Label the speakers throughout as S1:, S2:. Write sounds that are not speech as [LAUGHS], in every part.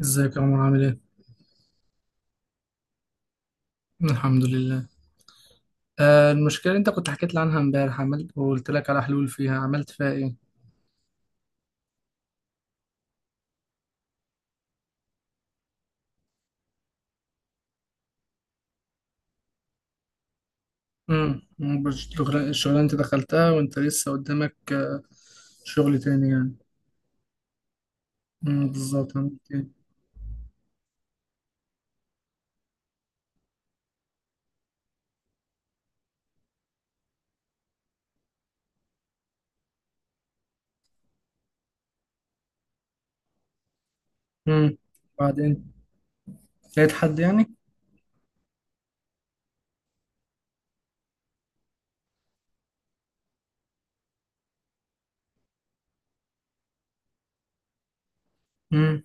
S1: ازيك يا عمر عامل ايه؟ الحمد لله. المشكلة اللي انت كنت حكيت لي عنها امبارح عملت وقلت لك على حلول فيها، عملت فيها ايه؟ امم. الشغلانة انت دخلتها وانت لسه قدامك شغل تاني يعني. بالظبط، عملت ايه؟ امم بعدين، لقيت حد يعني؟ امم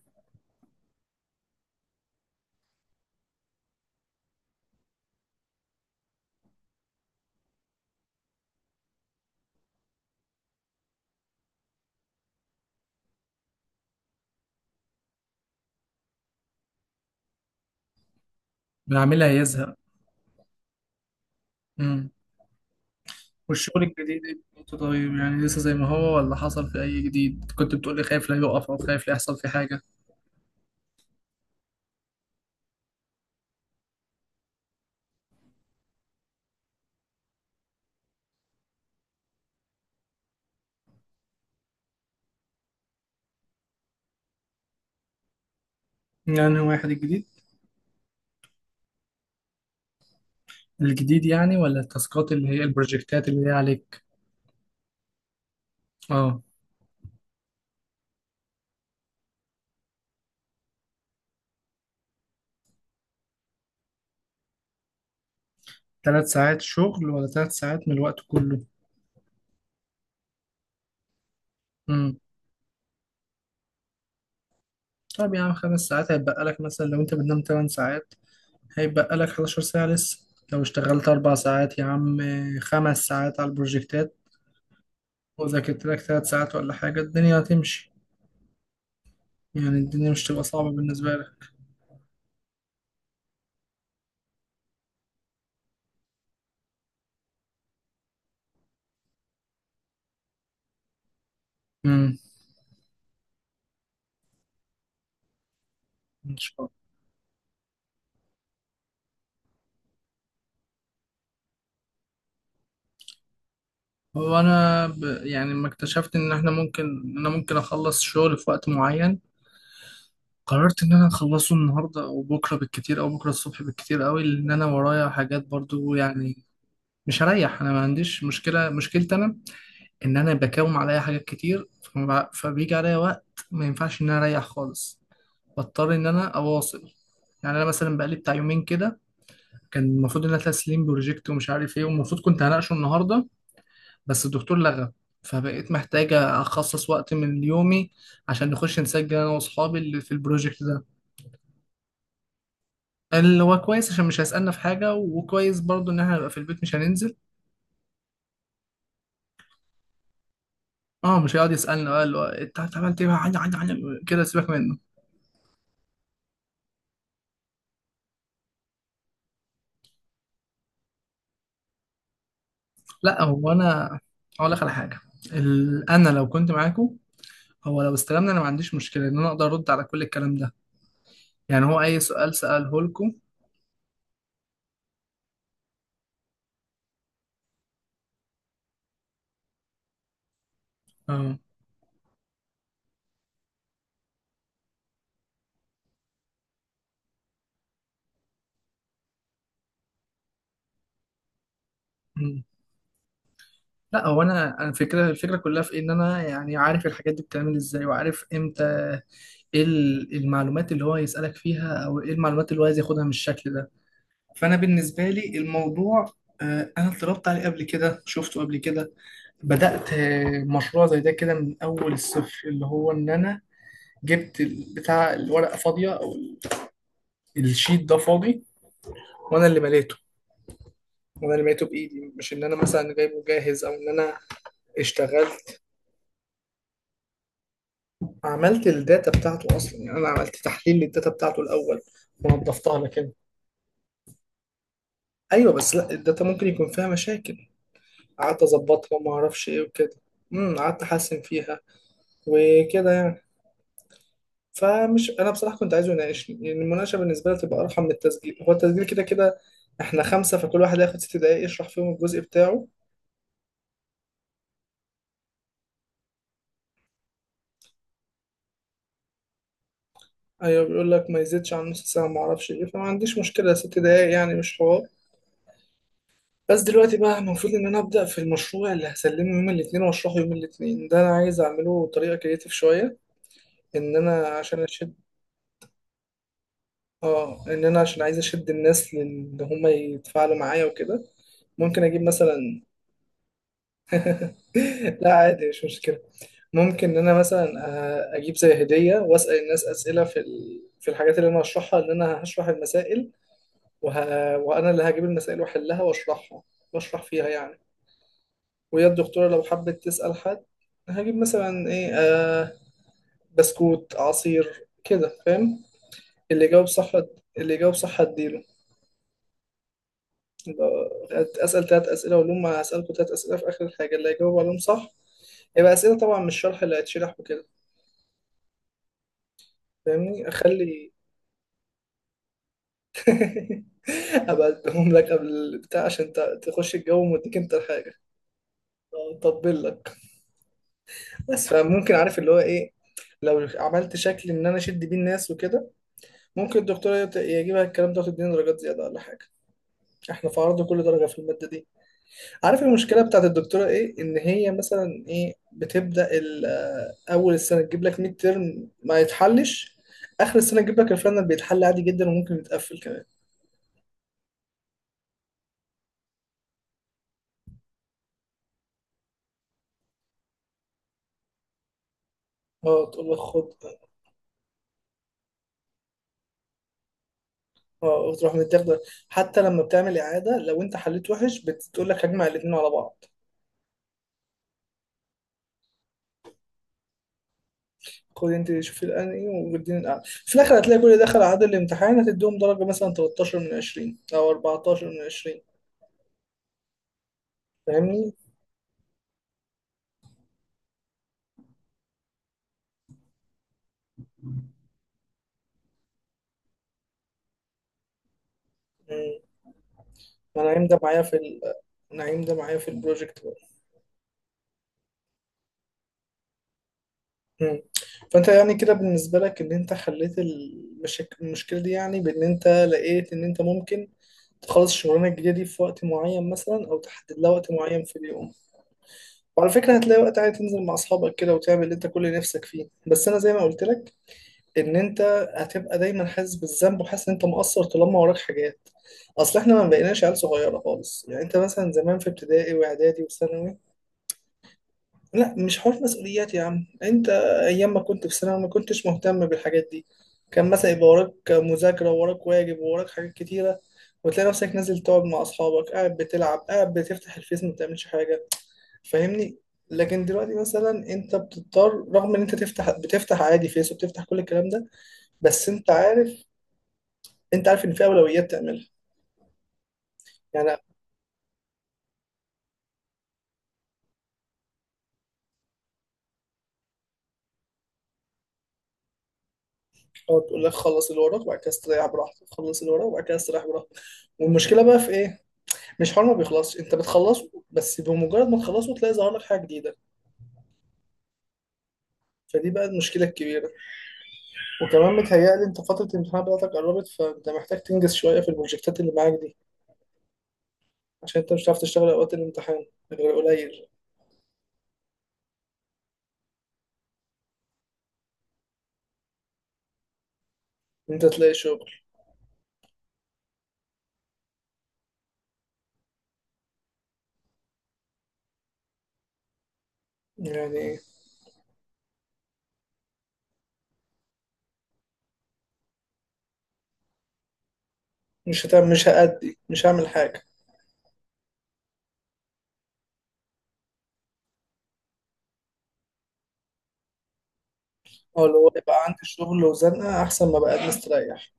S1: اللي عاملها هيزهق. امم والشغل الجديد ايه بتاعته؟ طيب يعني لسه زي ما هو ولا حصل في اي جديد؟ كنت بتقولي خايف لا يقف او خايف لا يحصل فيه حاجة. يعني واحد الجديد؟ الجديد يعني ولا التاسكات اللي هي البروجكتات اللي هي عليك؟ اه. ثلاث ساعات شغل ولا ثلاث ساعات من الوقت كله؟ امم طب يا عم، خمس ساعات هيتبقى لك مثلا لو انت بتنام ثمان ساعات هيتبقى لك 11 ساعة لسه. لو اشتغلت أربع ساعات يا عم، خمس ساعات على البروجكتات وذاكرت لك ثلاث ساعات، ولا حاجة الدنيا هتمشي؟ يعني الدنيا مش تبقى صعبة بالنسبة لك؟ امم. ان شاء الله. هو انا يعني لما اكتشفت ان احنا ممكن، ان انا ممكن اخلص شغل في وقت معين، قررت ان انا اخلصه النهارده او بكره بالكتير او بكره الصبح بالكتير قوي، لان انا ورايا حاجات برضو يعني. مش هريح، انا ما عنديش مشكله. مشكلتي انا ان انا بكوم عليا حاجات كتير، فبيجي عليا وقت ما ينفعش ان انا اريح خالص، بضطر ان انا اواصل. يعني انا مثلا بقالي بتاع يومين كده كان المفروض ان انا تسليم بروجكت ومش عارف ايه، والمفروض كنت هناقشه النهارده، بس الدكتور لغى، فبقيت محتاجه اخصص وقت من يومي عشان نخش نسجل انا واصحابي اللي في البروجكت ده، اللي هو كويس عشان مش هيسالنا في حاجه، وكويس برضو ان احنا نبقى في البيت مش هننزل. اه، مش هيقعد يسالنا بقى اللي هو انت عملت ايه بقى؟ كده سيبك منه. لا، هو انا هقول لك على حاجه. انا لو كنت معاكم، هو لو استلمنا انا ما عنديش مشكله ان انا اقدر ارد على كل الكلام ده، يعني هو اي سؤال ساله لكم. اه. مم. لا، هو انا الفكره كلها في إيه؟ ان انا يعني عارف الحاجات دي بتعمل ازاي، وعارف امتى ايه المعلومات اللي هو يسالك فيها، او ايه المعلومات اللي هو عايز ياخدها من الشكل ده. فانا بالنسبه لي الموضوع، انا اتدربت عليه قبل كده، شفته قبل كده، بدأت مشروع زي ده كده من أول الصفر، اللي هو إن أنا جبت بتاع الورقة فاضية، أو الشيت ده فاضي، وأنا اللي مليته، وأنا اللي مليته بإيدي، مش إن أنا مثلا جايبه جاهز أو إن أنا اشتغلت، عملت الداتا بتاعته أصلا. يعني أنا عملت تحليل للداتا بتاعته الأول ونضفتها لك كده. أيوه بس لا، الداتا ممكن يكون فيها مشاكل، قعدت أظبطها وما أعرفش إيه وكده. امم، قعدت أحسن فيها وكده يعني. فمش انا، بصراحه كنت عايزه يناقشني. يعني المناقشه بالنسبه لي تبقى ارحم من التسجيل، هو التسجيل كده كده احنا خمسه، فكل واحد هياخد ست دقائق يشرح فيهم الجزء بتاعه. ايوه، بيقول لك ما يزيدش عن نص ساعه ما اعرفش ايه، فما عنديش مشكله، ست دقائق يعني مش حوار. بس دلوقتي بقى المفروض ان انا ابدا في المشروع اللي هسلمه يوم الاثنين واشرحه يوم الاثنين، ده انا عايز اعمله بطريقه كريتيف شويه، ان انا عشان اشد. اه، ان انا عشان عايز اشد الناس، لان هم يتفاعلوا معايا وكده. ممكن اجيب مثلا، لا عادي مش مشكلة. ممكن إن أنا مثلا، أجيب زي هدية وأسأل الناس أسئلة في في الحاجات اللي أنا هشرحها، إن أنا هشرح المسائل، وأنا اللي هجيب المسائل وأحلها وأشرحها، وأشرح فيها يعني. وهي الدكتورة لو حبت تسأل حد، هجيب مثلا إيه بسكوت عصير كده، فاهم؟ اللي يجاوب صح، اللي يجاوب صح هديله. يبقى أسأل تلات أسئلة وأقول لهم هسألكوا تلات أسئلة في آخر الحاجة، اللي هيجاوب عليهم صح يبقى أسئلة، طبعا مش شرح اللي هيتشرح وكده. فاهمني؟ أخلي [LAUGHS] هبقى اديهم لك قبل البتاع عشان تخش الجو ومديك انت الحاجه، اطبل لك. بس فممكن، عارف اللي هو ايه؟ لو عملت شكل ان انا اشد بيه الناس وكده، ممكن الدكتوره يجيبها الكلام ده وتديني درجات زياده ولا حاجه. احنا في عرض كل درجه في الماده دي. عارف المشكله بتاعت الدكتوره ايه؟ ان هي مثلا ايه بتبدا اول السنه تجيب لك ميد ترم ما يتحلش، اخر السنه تجيب لك الفاينل بيتحل عادي جدا وممكن يتقفل كمان. اه، تقول لك خد. اه، تروح متاخده. حتى لما بتعمل اعاده لو انت حليت وحش بتقول لك هجمع الاثنين على بعض. خد انت شوفي الانهي واديني الاعلى في الاخر، هتلاقي كل ده دخل عدد الامتحان، هتديهم درجه مثلا 13 من 20 او 14 من 20. فاهمني؟ مم. نعيم ده معايا في ال... نعيم ده معايا في البروجكت بقى. مم. فانت يعني كده بالنسبه لك ان انت حليت المشكله دي، يعني بان انت لقيت ان انت ممكن تخلص الشغلانه الجديده دي في وقت معين مثلا، او تحدد لها وقت معين في اليوم. وعلى فكرة هتلاقي وقت عادي تنزل مع أصحابك كده وتعمل اللي أنت كل نفسك فيه، بس أنا زي ما قلت لك إن أنت هتبقى دايما حاسس بالذنب وحاسس إن أنت مقصر طالما وراك حاجات، أصل إحنا ما بقيناش عيال صغيرة خالص. يعني أنت مثلا زمان في ابتدائي وإعدادي وثانوي، لا مش حوار مسؤوليات يا عم أنت. أيام ما كنت في ثانوي ما كنتش مهتم بالحاجات دي، كان مثلا يبقى وراك مذاكرة ووراك واجب ووراك حاجات كتيرة، وتلاقي نفسك نازل تقعد مع أصحابك قاعد بتلعب قاعد بتفتح الفيس ما بتعملش حاجة. فاهمني؟ لكن دلوقتي مثلا انت بتضطر، رغم ان انت تفتح، بتفتح عادي فيس وبتفتح كل الكلام ده، بس انت عارف، انت عارف ان في اولويات تعملها. يعني هو تقول لك خلص اللي وراك وبعد كده استريح براحتك، خلص اللي وراك وبعد كده استريح براحتك. والمشكله بقى في ايه؟ مش حوار ما بيخلصش، انت بتخلصه، بس بمجرد ما تخلصه تلاقي ظهر لك حاجه جديده. فدي بقى المشكله الكبيره، وكمان متهيألي انت فتره الامتحان بتاعتك قربت، فانت محتاج تنجز شويه في البروجكتات اللي معاك دي، عشان انت مش هتعرف تشتغل اوقات الامتحان غير قليل. إن انت تلاقي شغل يعني، مش هتعمل مش هأدي مش هعمل حاجة. أو اللي هو يبقى عندي شغل وزنقة أحسن ما بقى مستريح.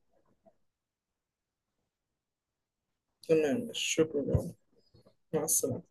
S1: تمام، شكرا يا عمر. مع السلامة